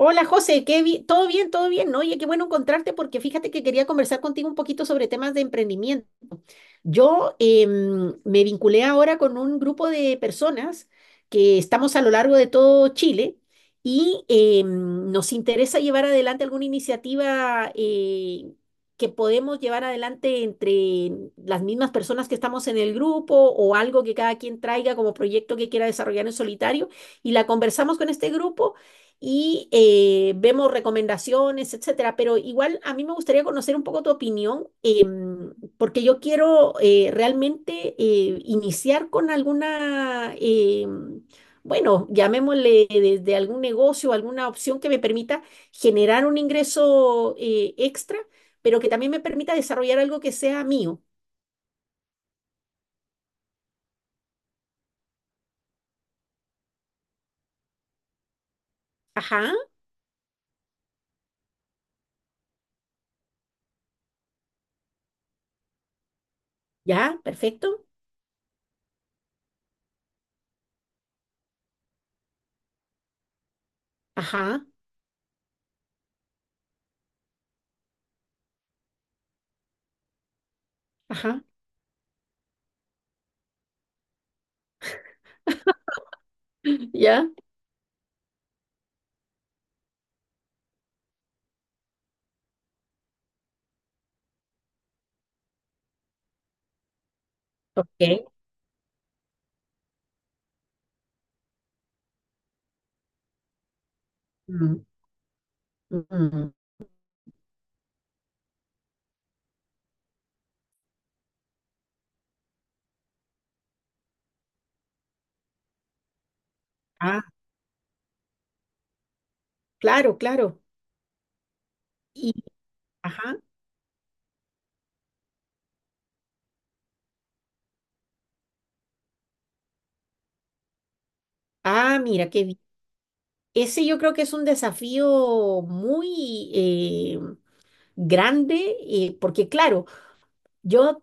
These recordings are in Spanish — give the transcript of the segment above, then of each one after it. Hola José, ¿todo bien? ¿Todo bien? ¿No? Oye, qué bueno encontrarte porque fíjate que quería conversar contigo un poquito sobre temas de emprendimiento. Yo me vinculé ahora con un grupo de personas que estamos a lo largo de todo Chile y nos interesa llevar adelante alguna iniciativa que podemos llevar adelante entre las mismas personas que estamos en el grupo o algo que cada quien traiga como proyecto que quiera desarrollar en solitario y la conversamos con este grupo. Y vemos recomendaciones, etcétera. Pero igual a mí me gustaría conocer un poco tu opinión. Porque yo quiero realmente iniciar con alguna, bueno, llamémosle desde algún negocio, alguna opción que me permita generar un ingreso extra, pero que también me permita desarrollar algo que sea mío. Ajá, ya, perfecto. Ajá, ajá, ya, ok. Mm. Mm. Ah, claro, claro. Y, ajá. Ah, mira, qué bien. Ese yo creo que es un desafío muy, grande y porque claro, yo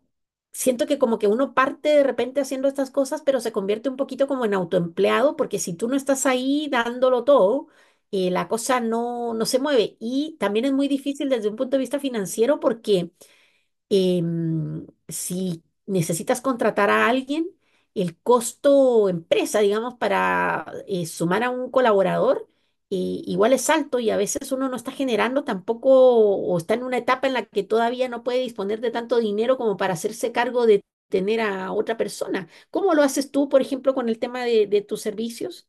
siento que como que uno parte de repente haciendo estas cosas, pero se convierte un poquito como en autoempleado porque si tú no estás ahí dándolo todo, la cosa no, no se mueve. Y también es muy difícil desde un punto de vista financiero porque si necesitas contratar a alguien, el costo empresa, digamos, para sumar a un colaborador, igual es alto y a veces uno no está generando tampoco o está en una etapa en la que todavía no puede disponer de tanto dinero como para hacerse cargo de tener a otra persona. ¿Cómo lo haces tú, por ejemplo, con el tema de, tus servicios?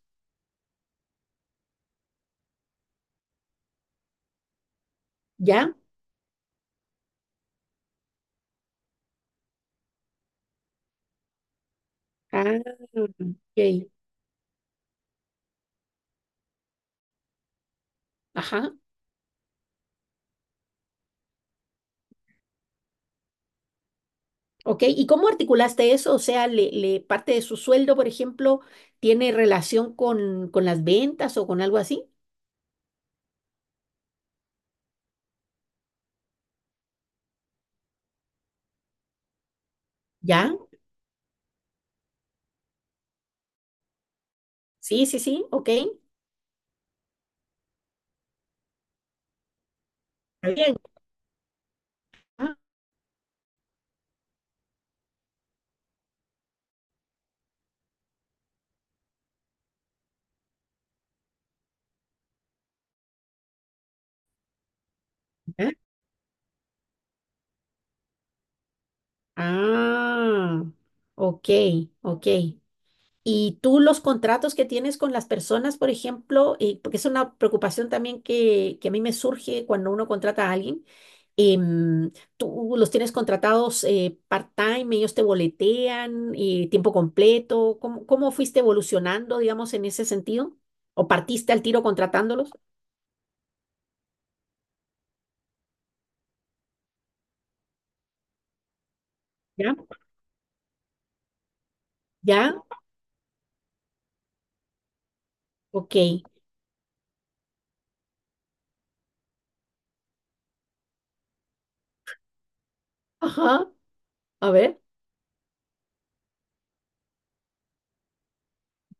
¿Ya? Ah, ok. Ajá. ¿Ok? ¿Y cómo articulaste eso? O sea, parte de su sueldo, por ejemplo, ¿tiene relación con las ventas o con algo así? ¿Ya? Sí, sí, sí, ok. Está bien. ¿Ya? Ah, ok, ok. Y tú los contratos que tienes con las personas, por ejemplo, porque es una preocupación también que a mí me surge cuando uno contrata a alguien, em, ¿tú los tienes contratados part-time, ellos te boletean, tiempo completo, cómo fuiste evolucionando, digamos, en ese sentido? ¿O partiste al tiro contratándolos? ¿Ya? ¿Ya? Ok. Ajá. A ver.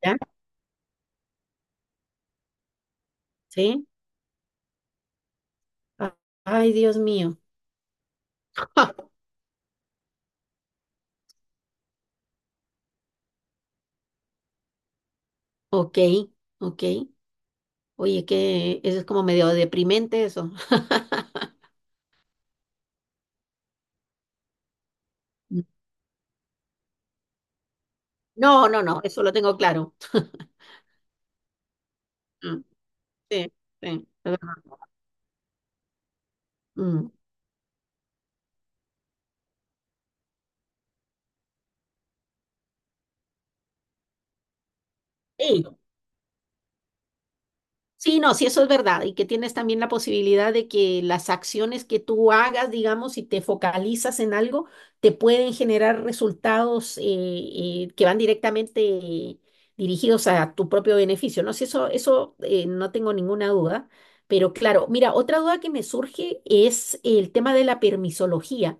¿Ya? Sí. Ah. Ay, Dios mío. Ja. Ok, ok. Oye, que eso es como medio deprimente eso. Mm. No, no, no, eso lo tengo claro. Mm. Sí, sí, es verdad. Mm. Sí. Sí, no, sí, eso es verdad. Y que tienes también la posibilidad de que las acciones que tú hagas, digamos, si te focalizas en algo, te pueden generar resultados que van directamente dirigidos a tu propio beneficio. No sé, eso no tengo ninguna duda. Pero claro, mira, otra duda que me surge es el tema de la permisología.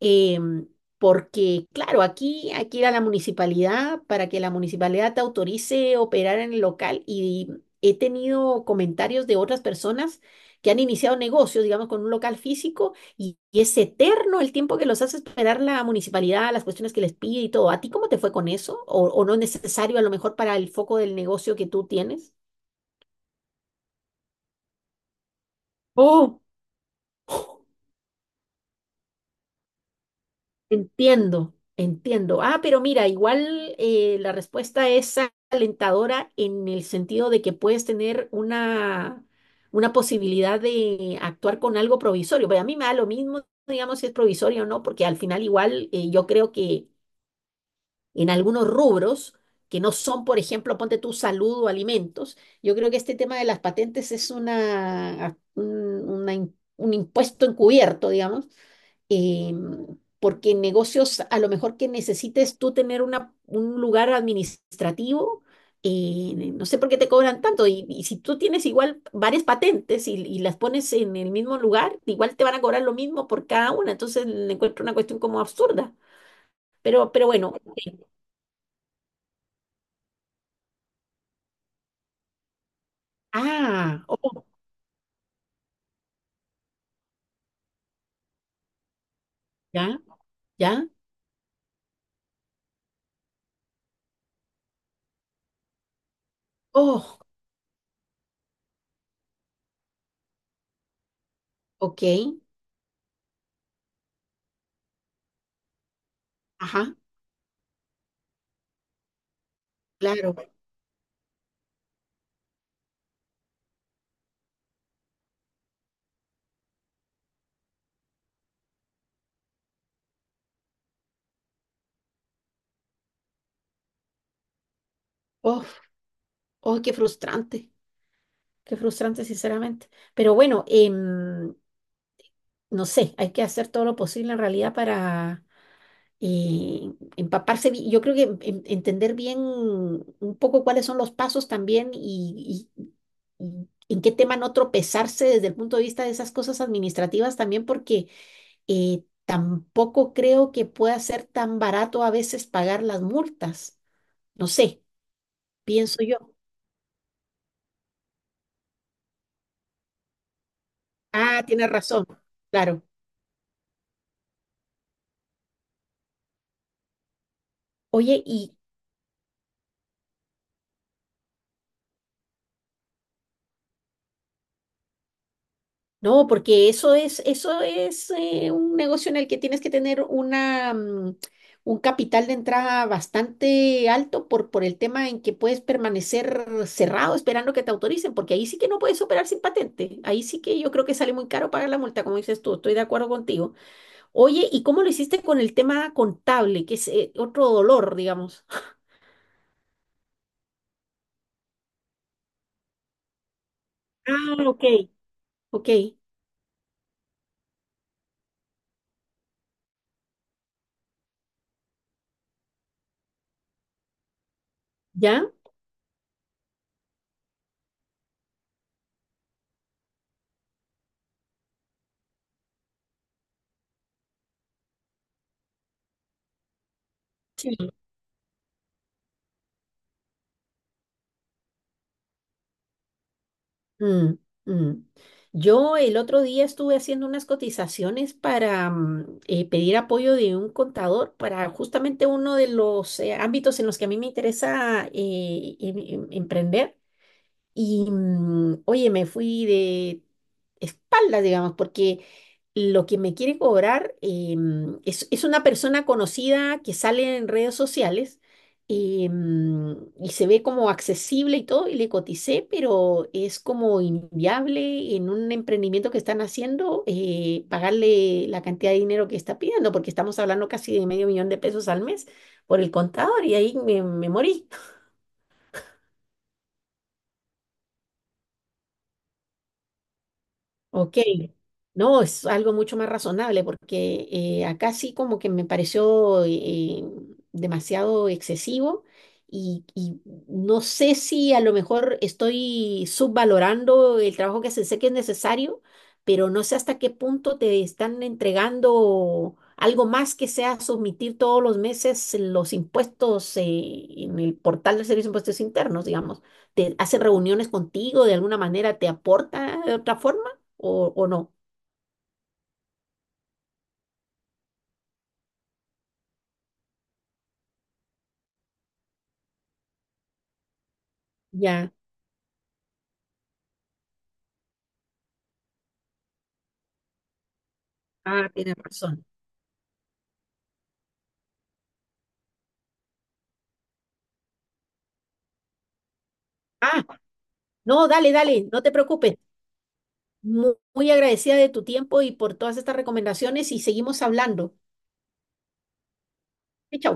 em, Porque, claro, aquí hay que ir a la municipalidad para que la municipalidad te autorice operar en el local y he tenido comentarios de otras personas que han iniciado negocios, digamos, con un local físico y es eterno el tiempo que los hace esperar la municipalidad, las cuestiones que les pide y todo. ¿A ti cómo te fue con eso? O no es necesario a lo mejor para el foco del negocio que tú tienes? Oh. Entiendo, entiendo. Ah, pero mira, igual la respuesta es alentadora en el sentido de que puedes tener una posibilidad de actuar con algo provisorio. Pero a mí me da lo mismo, digamos, si es provisorio o no, porque al final igual yo creo que en algunos rubros que no son, por ejemplo, ponte tu salud o alimentos, yo creo que este tema de las patentes es una, un, un impuesto encubierto, digamos, porque en negocios a lo mejor que necesites tú tener una, un lugar administrativo, no sé por qué te cobran tanto, y, si tú tienes igual varias patentes y, las pones en el mismo lugar, igual te van a cobrar lo mismo por cada una, entonces le encuentro una cuestión como absurda, pero bueno, ok. Ah. Oh. Ya, ya. Oh, ok. Ajá. Claro. Oh. Oh, qué frustrante sinceramente, pero bueno, no sé, hay que hacer todo lo posible en realidad para eh, empaparse. Yo creo que entender bien un poco cuáles son los pasos también y en qué tema no tropezarse desde el punto de vista de esas cosas administrativas también, porque tampoco creo que pueda ser tan barato a veces pagar las multas. No sé, pienso yo. Ah, tienes razón, claro. Oye, ¿y No, porque eso es, un negocio en el que tienes que tener una, un capital de entrada bastante alto por, el tema en que puedes permanecer cerrado esperando que te autoricen, porque ahí sí que no puedes operar sin patente. Ahí sí que yo creo que sale muy caro pagar la multa, como dices tú, estoy de acuerdo contigo. Oye, ¿y cómo lo hiciste con el tema contable, que es otro dolor, digamos? Ah, ok, ok. ¿Ya? Mm. Mm. Yo el otro día estuve haciendo unas cotizaciones para pedir apoyo de un contador para justamente uno de los ámbitos en los que a mí me interesa emprender. Y oye, me fui de espaldas, digamos, porque lo que me quiere cobrar es, una persona conocida que sale en redes sociales, y se ve como accesible y todo, y le coticé, pero es como inviable en un emprendimiento que están haciendo pagarle la cantidad de dinero que está pidiendo, porque estamos hablando casi de medio millón de pesos al mes por el contador y ahí me morí. Ok, no, es algo mucho más razonable porque acá sí como que me pareció demasiado excesivo y, no sé si a lo mejor estoy subvalorando el trabajo que se sé que es necesario, pero no sé hasta qué punto te están entregando algo más que sea submitir todos los meses los impuestos en el portal del Servicio de Impuestos Internos, digamos. ¿Te hacen reuniones contigo de alguna manera? ¿Te aporta de otra forma? O, o no. Ya. Ah, tienes razón. Ah, no, dale, dale, no te preocupes. Muy agradecida de tu tiempo y por todas estas recomendaciones y seguimos hablando. Chau.